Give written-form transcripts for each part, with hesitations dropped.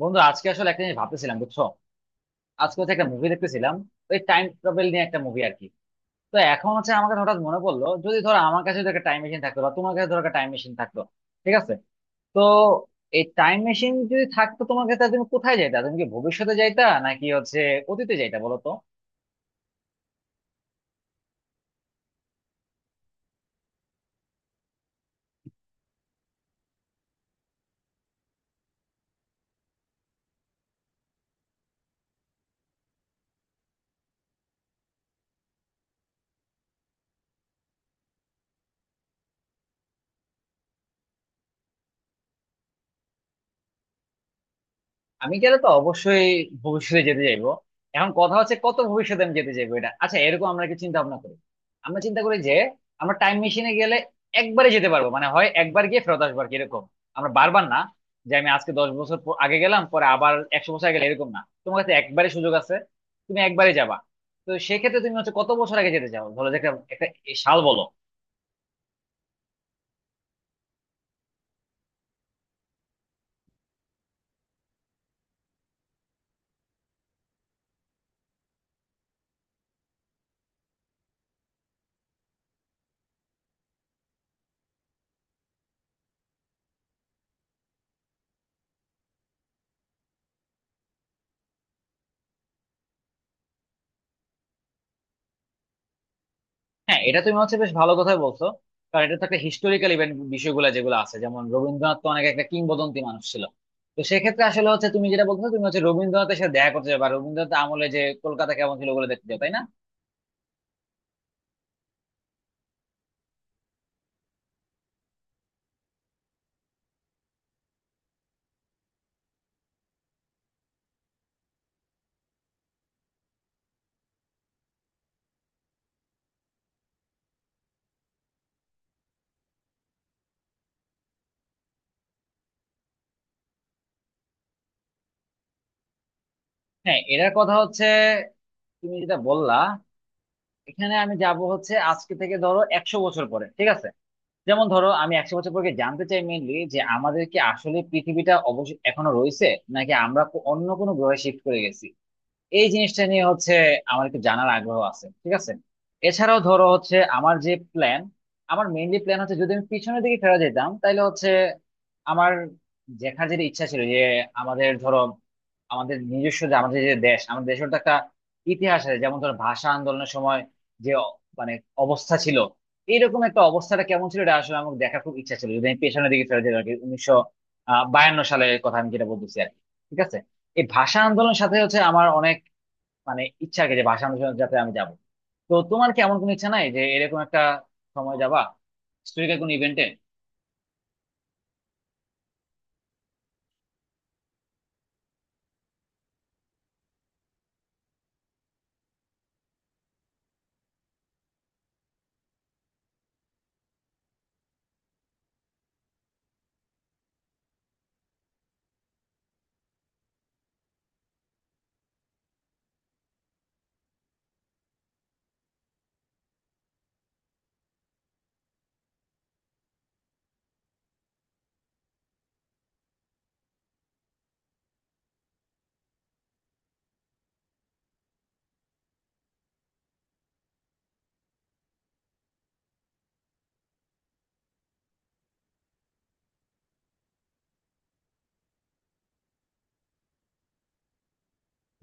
বন্ধু, আজকে আসলে একটা জিনিস ভাবতেছিলাম, বুঝছো? আজকে হচ্ছে একটা মুভি দেখতেছিলাম, ওই টাইম ট্রাভেল নিয়ে একটা মুভি আর কি। তো এখন হচ্ছে আমার কাছে হঠাৎ মনে পড়লো, যদি ধরো আমার কাছে যদি একটা টাইম মেশিন থাকতো বা তোমার কাছে ধরো একটা টাইম মেশিন থাকতো, ঠিক আছে? তো এই টাইম মেশিন যদি থাকতো তোমার কাছে, তাহলে তুমি কোথায় যাইতা? তুমি কি ভবিষ্যতে যাইতা নাকি হচ্ছে অতীতে যাইতা বলো তো? আমি গেলে তো অবশ্যই ভবিষ্যতে যেতে চাইবো। এখন কথা হচ্ছে কত ভবিষ্যতে আমি যেতে চাইবো, এটা, আচ্ছা, এরকম আমরা কি চিন্তা ভাবনা করি? আমরা চিন্তা করি যে আমরা টাইম মেশিনে গেলে একবারে যেতে পারবো, মানে হয় একবার গিয়ে ফেরত আসবার কি এরকম, আমরা বারবার না। যে আমি আজকে 10 বছর আগে গেলাম, পরে আবার 100 বছর আগে গেলে এরকম না, তোমার কাছে একবারে সুযোগ আছে। তুমি একবারে যাবা। তো সেক্ষেত্রে তুমি হচ্ছে কত বছর আগে যেতে চাও, ধরো যে একটা একটা সাল বলো। হ্যাঁ, এটা তুমি হচ্ছে বেশ ভালো কথাই বলছো। কারণ এটা তো একটা হিস্টোরিক্যাল ইভেন্ট, বিষয়গুলো যেগুলো আছে, যেমন রবীন্দ্রনাথ তো অনেক একটা কিংবদন্তি মানুষ ছিল। তো সেক্ষেত্রে আসলে হচ্ছে তুমি যেটা বলছো, তুমি হচ্ছে রবীন্দ্রনাথের সাথে দেখা করতে যাবে, আর রবীন্দ্রনাথ আমলে যে কলকাতা কেমন ছিল ওগুলো দেখতে যাবে, তাই না? হ্যাঁ, এটার কথা হচ্ছে তুমি যেটা বললা, এখানে আমি যাব হচ্ছে আজকে থেকে ধরো 100 বছর পরে, ঠিক আছে। যেমন ধরো আমি 100 বছর পরে গিয়ে জানতে চাই মেইনলি যে আমাদের কি আসলে পৃথিবীটা অবশ্যই এখনো রয়েছে, নাকি আমরা অন্য কোনো গ্রহে শিফট করে গেছি। এই জিনিসটা নিয়ে হচ্ছে আমার একটু জানার আগ্রহ আছে, ঠিক আছে। এছাড়াও ধরো হচ্ছে আমার যে প্ল্যান, আমার মেইনলি প্ল্যান হচ্ছে যদি আমি পিছনের দিকে ফেরা যেতাম তাহলে হচ্ছে আমার দেখার যেটা ইচ্ছা ছিল যে আমাদের ধরো আমাদের নিজস্ব যে আমাদের যে দেশ, আমাদের দেশের তো একটা ইতিহাস আছে, যেমন ধরো ভাষা আন্দোলনের সময় যে মানে অবস্থা ছিল, এইরকম একটা অবস্থাটা কেমন ছিল এটা আসলে আমার দেখার খুব ইচ্ছা ছিল, যদি আমি পেছনের দিকে ফেরা যেতাম আর কি, উনিশশো বায়ান্ন সালের কথা আমি যেটা বলতেছি আর কি, ঠিক আছে। এই ভাষা আন্দোলনের সাথে হচ্ছে আমার অনেক মানে ইচ্ছা আর কি যে ভাষা অনুশীলন যাতে আমি যাব। তো তোমার কি এমন কোনো ইচ্ছা নাই যে এরকম একটা সময় যাবা, হিস্টোরিক্যাল কোনো ইভেন্টে?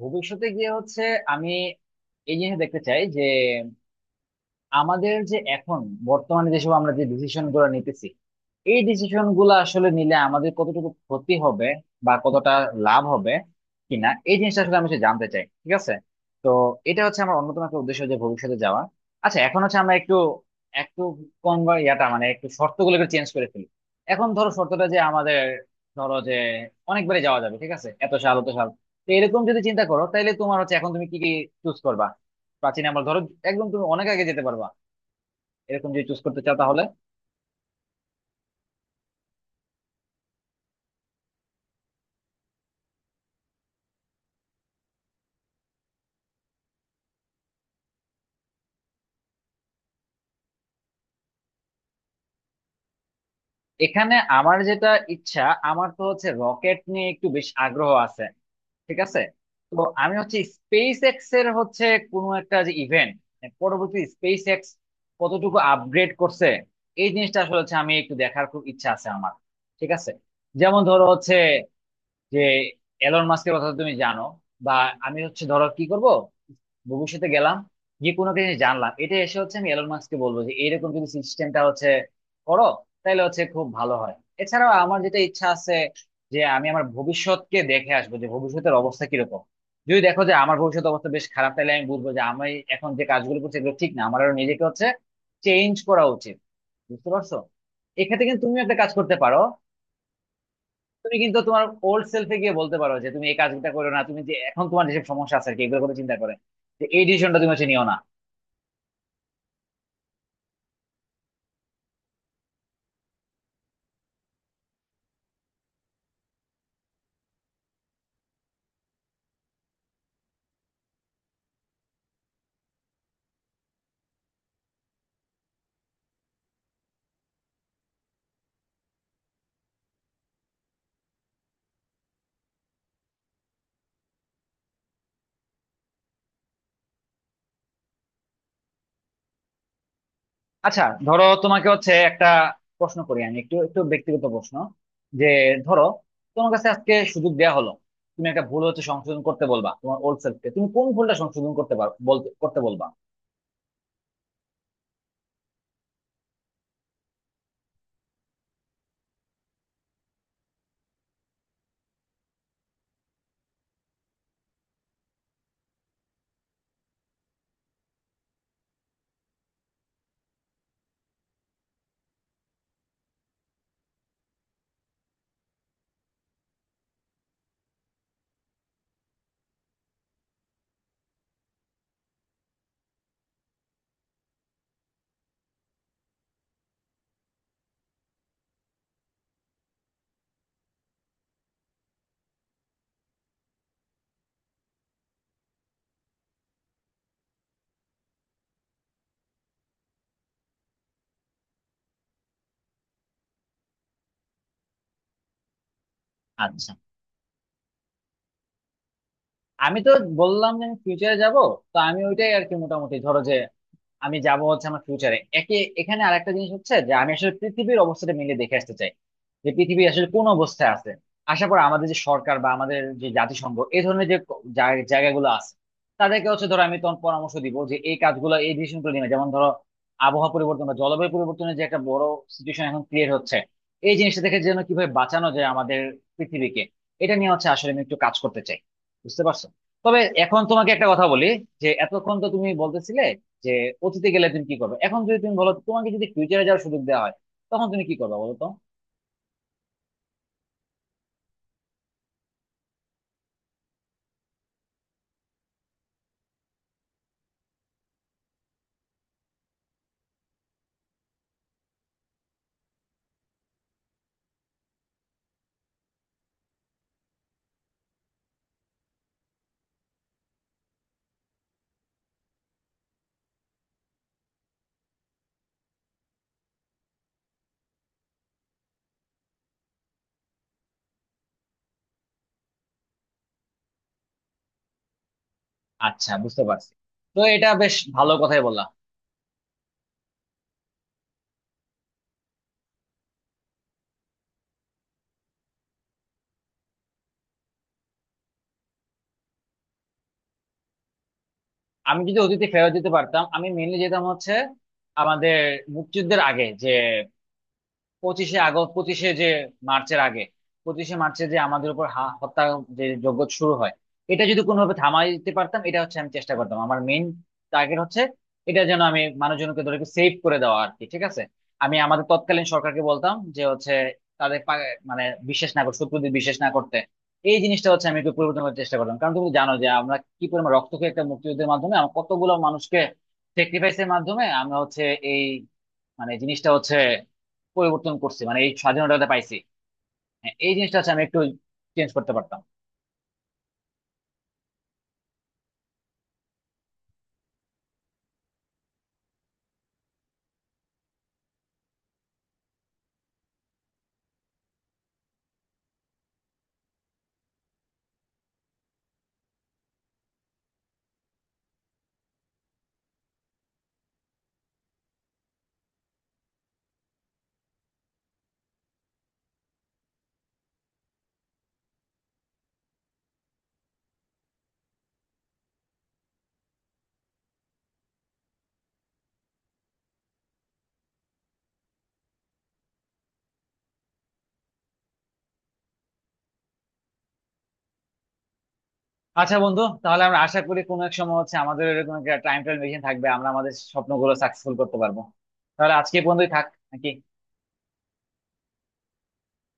ভবিষ্যতে গিয়ে হচ্ছে আমি এই জিনিস দেখতে চাই যে আমাদের যে এখন বর্তমানে যেসব আমরা যে ডিসিশন গুলো নিতেছি, এই ডিসিশন গুলো আসলে নিলে আমাদের কতটুকু ক্ষতি হবে বা কতটা লাভ হবে কিনা, এই জিনিসটা আসলে আমি সে জানতে চাই, ঠিক আছে। তো এটা হচ্ছে আমার অন্যতম একটা উদ্দেশ্য যে ভবিষ্যতে যাওয়া। আচ্ছা, এখন হচ্ছে আমরা একটু একটু কম বা ইয়াটা মানে একটু শর্তগুলো একটু চেঞ্জ করে ফেলি। এখন ধরো শর্তটা যে আমাদের, ধরো যে অনেকবারে যাওয়া যাবে, ঠিক আছে, এত সাল অত সাল। তো এরকম যদি চিন্তা করো তাহলে তোমার হচ্ছে এখন তুমি কি কি চুজ করবা? প্রাচীন, আমরা ধরো একদম তুমি অনেক আগে যেতে পারবা, এরকম যদি চুজ করতে চাও তাহলে। এখানে আমার যেটা ইচ্ছা, আমার তো হচ্ছে রকেট নিয়ে একটু বেশ আগ্রহ আছে, ঠিক আছে। তো আমি হচ্ছে স্পেস এক্স এর হচ্ছে কোনো একটা যে ইভেন্ট, পরবর্তী স্পেস এক্স কতটুকু আপগ্রেড করছে, এই জিনিসটা আসলে হচ্ছে আমি একটু দেখার খুব ইচ্ছা আছে আমার, ঠিক আছে। যেমন ধরো হচ্ছে যে এলন মাস্কের কথা তো তুমি জানো, বা আমি হচ্ছে ধরো কি করব, ভবিষ্যতে গেলাম, যে কোনো কিছু জানলাম, এটা এসে হচ্ছে আমি এলন মাস্ককে বলবো যে এরকম যদি সিস্টেমটা হচ্ছে করো তাহলে হচ্ছে খুব ভালো হয়। এছাড়াও আমার যেটা ইচ্ছা আছে যে আমি আমার ভবিষ্যৎকে দেখে আসবো যে ভবিষ্যতের অবস্থা কিরকম, যদি দেখো যে আমার ভবিষ্যৎ অবস্থা বেশ খারাপ তাহলে আমি বুঝবো যে আমি এখন যে কাজগুলো করছি এগুলো ঠিক না, আমার আরো নিজেকে হচ্ছে চেঞ্জ করা উচিত। বুঝতে পারছো? এক্ষেত্রে কিন্তু তুমি একটা কাজ করতে পারো। তুমি কিন্তু তোমার ওল্ড সেলফে গিয়ে বলতে পারো যে তুমি এই কাজটা করো না, তুমি যে এখন তোমার যেসব সমস্যা আছে আর কি এগুলোর কথা চিন্তা করে যে এই ডিসিশনটা তুমি হচ্ছে নিও না। আচ্ছা ধরো তোমাকে হচ্ছে একটা প্রশ্ন করি, আমি একটু একটু ব্যক্তিগত প্রশ্ন যে ধরো তোমার কাছে আজকে সুযোগ দেয়া হলো, তুমি একটা ভুল হচ্ছে সংশোধন করতে বলবা তোমার ওল্ড সেলফকে, তুমি কোন ভুলটা সংশোধন করতে পারো বলতে করতে বলবা? আচ্ছা, আমি তো বললাম যে আমি ফিউচারে যাব। তো আমি ওইটাই আর কি, মোটামুটি ধরো যে আমি যাব হচ্ছে আমার ফিউচারে একে। এখানে আরেকটা জিনিস হচ্ছে যে আমি আসলে পৃথিবীর অবস্থাটা মিলে দেখে আসতে চাই, যে পৃথিবী আসলে কোন অবস্থায় আছে। আশা করি আমাদের যে সরকার বা আমাদের যে জাতিসংঘ, এই ধরনের যে জায়গাগুলো আছে, তাদেরকে হচ্ছে ধরো আমি তখন পরামর্শ দিব যে এই কাজগুলো এই ডিসিশন গুলো নিবে, যেমন ধরো আবহাওয়া পরিবর্তন বা জলবায়ু পরিবর্তনের যে একটা বড় সিচুয়েশন এখন ক্রিয়েট হচ্ছে, এই জিনিসটা থেকে যেন কিভাবে বাঁচানো যায় আমাদের পৃথিবীকে, এটা নিয়ে হচ্ছে আসলে আমি একটু কাজ করতে চাই। বুঝতে পারছো? তবে এখন তোমাকে একটা কথা বলি, যে এতক্ষণ তো তুমি বলতেছিলে যে অতীতে গেলে তুমি কি করবে, এখন যদি তুমি বলো তোমাকে যদি ফিউচারে যাওয়ার সুযোগ দেওয়া হয়, তখন তুমি কি করবে বলো তো? আচ্ছা, বুঝতে পারছি। তো এটা বেশ ভালো কথাই বললাম। আমি যদি অতীতে ফেরত যেতে পারতাম আমি মেনলি যেতাম হচ্ছে আমাদের মুক্তিযুদ্ধের আগে, যে 25শে আগস্ট, পঁচিশে যে মার্চের আগে, 25শে মার্চে যে আমাদের উপর হত্যা যে যজ্ঞ শুরু হয়, এটা যদি কোনোভাবে থামাইতে পারতাম এটা হচ্ছে আমি চেষ্টা করতাম। আমার মেইন টার্গেট হচ্ছে এটা, যেন আমি মানুষজনকে ধরে সেভ করে দেওয়া আর কি, ঠিক আছে। আমি আমাদের তৎকালীন সরকারকে বলতাম যে হচ্ছে তাদের মানে বিশ্বাস না করতে, শত্রুদের বিশ্বাস না করতে, এই জিনিসটা হচ্ছে আমি একটু পরিবর্তন করার চেষ্টা করলাম। কারণ তুমি জানো যে আমরা কি পরিমাণ রক্ত খেয়ে একটা মুক্তিযুদ্ধের মাধ্যমে, আমরা কতগুলো মানুষকে স্যাক্রিফাইসের মাধ্যমে, আমরা হচ্ছে এই মানে জিনিসটা হচ্ছে পরিবর্তন করছি, মানে এই স্বাধীনতাটা পাইছি। হ্যাঁ, এই জিনিসটা হচ্ছে আমি একটু চেঞ্জ করতে পারতাম। আচ্ছা বন্ধু, তাহলে আমরা আশা করি কোনো এক সময় হচ্ছে আমাদের এরকম একটা টাইম ট্রায়াল মেশিন থাকবে, আমরা আমাদের স্বপ্নগুলো সাকসেসফুল করতে পারবো। তাহলে আজকে বন্ধুই থাক নাকি?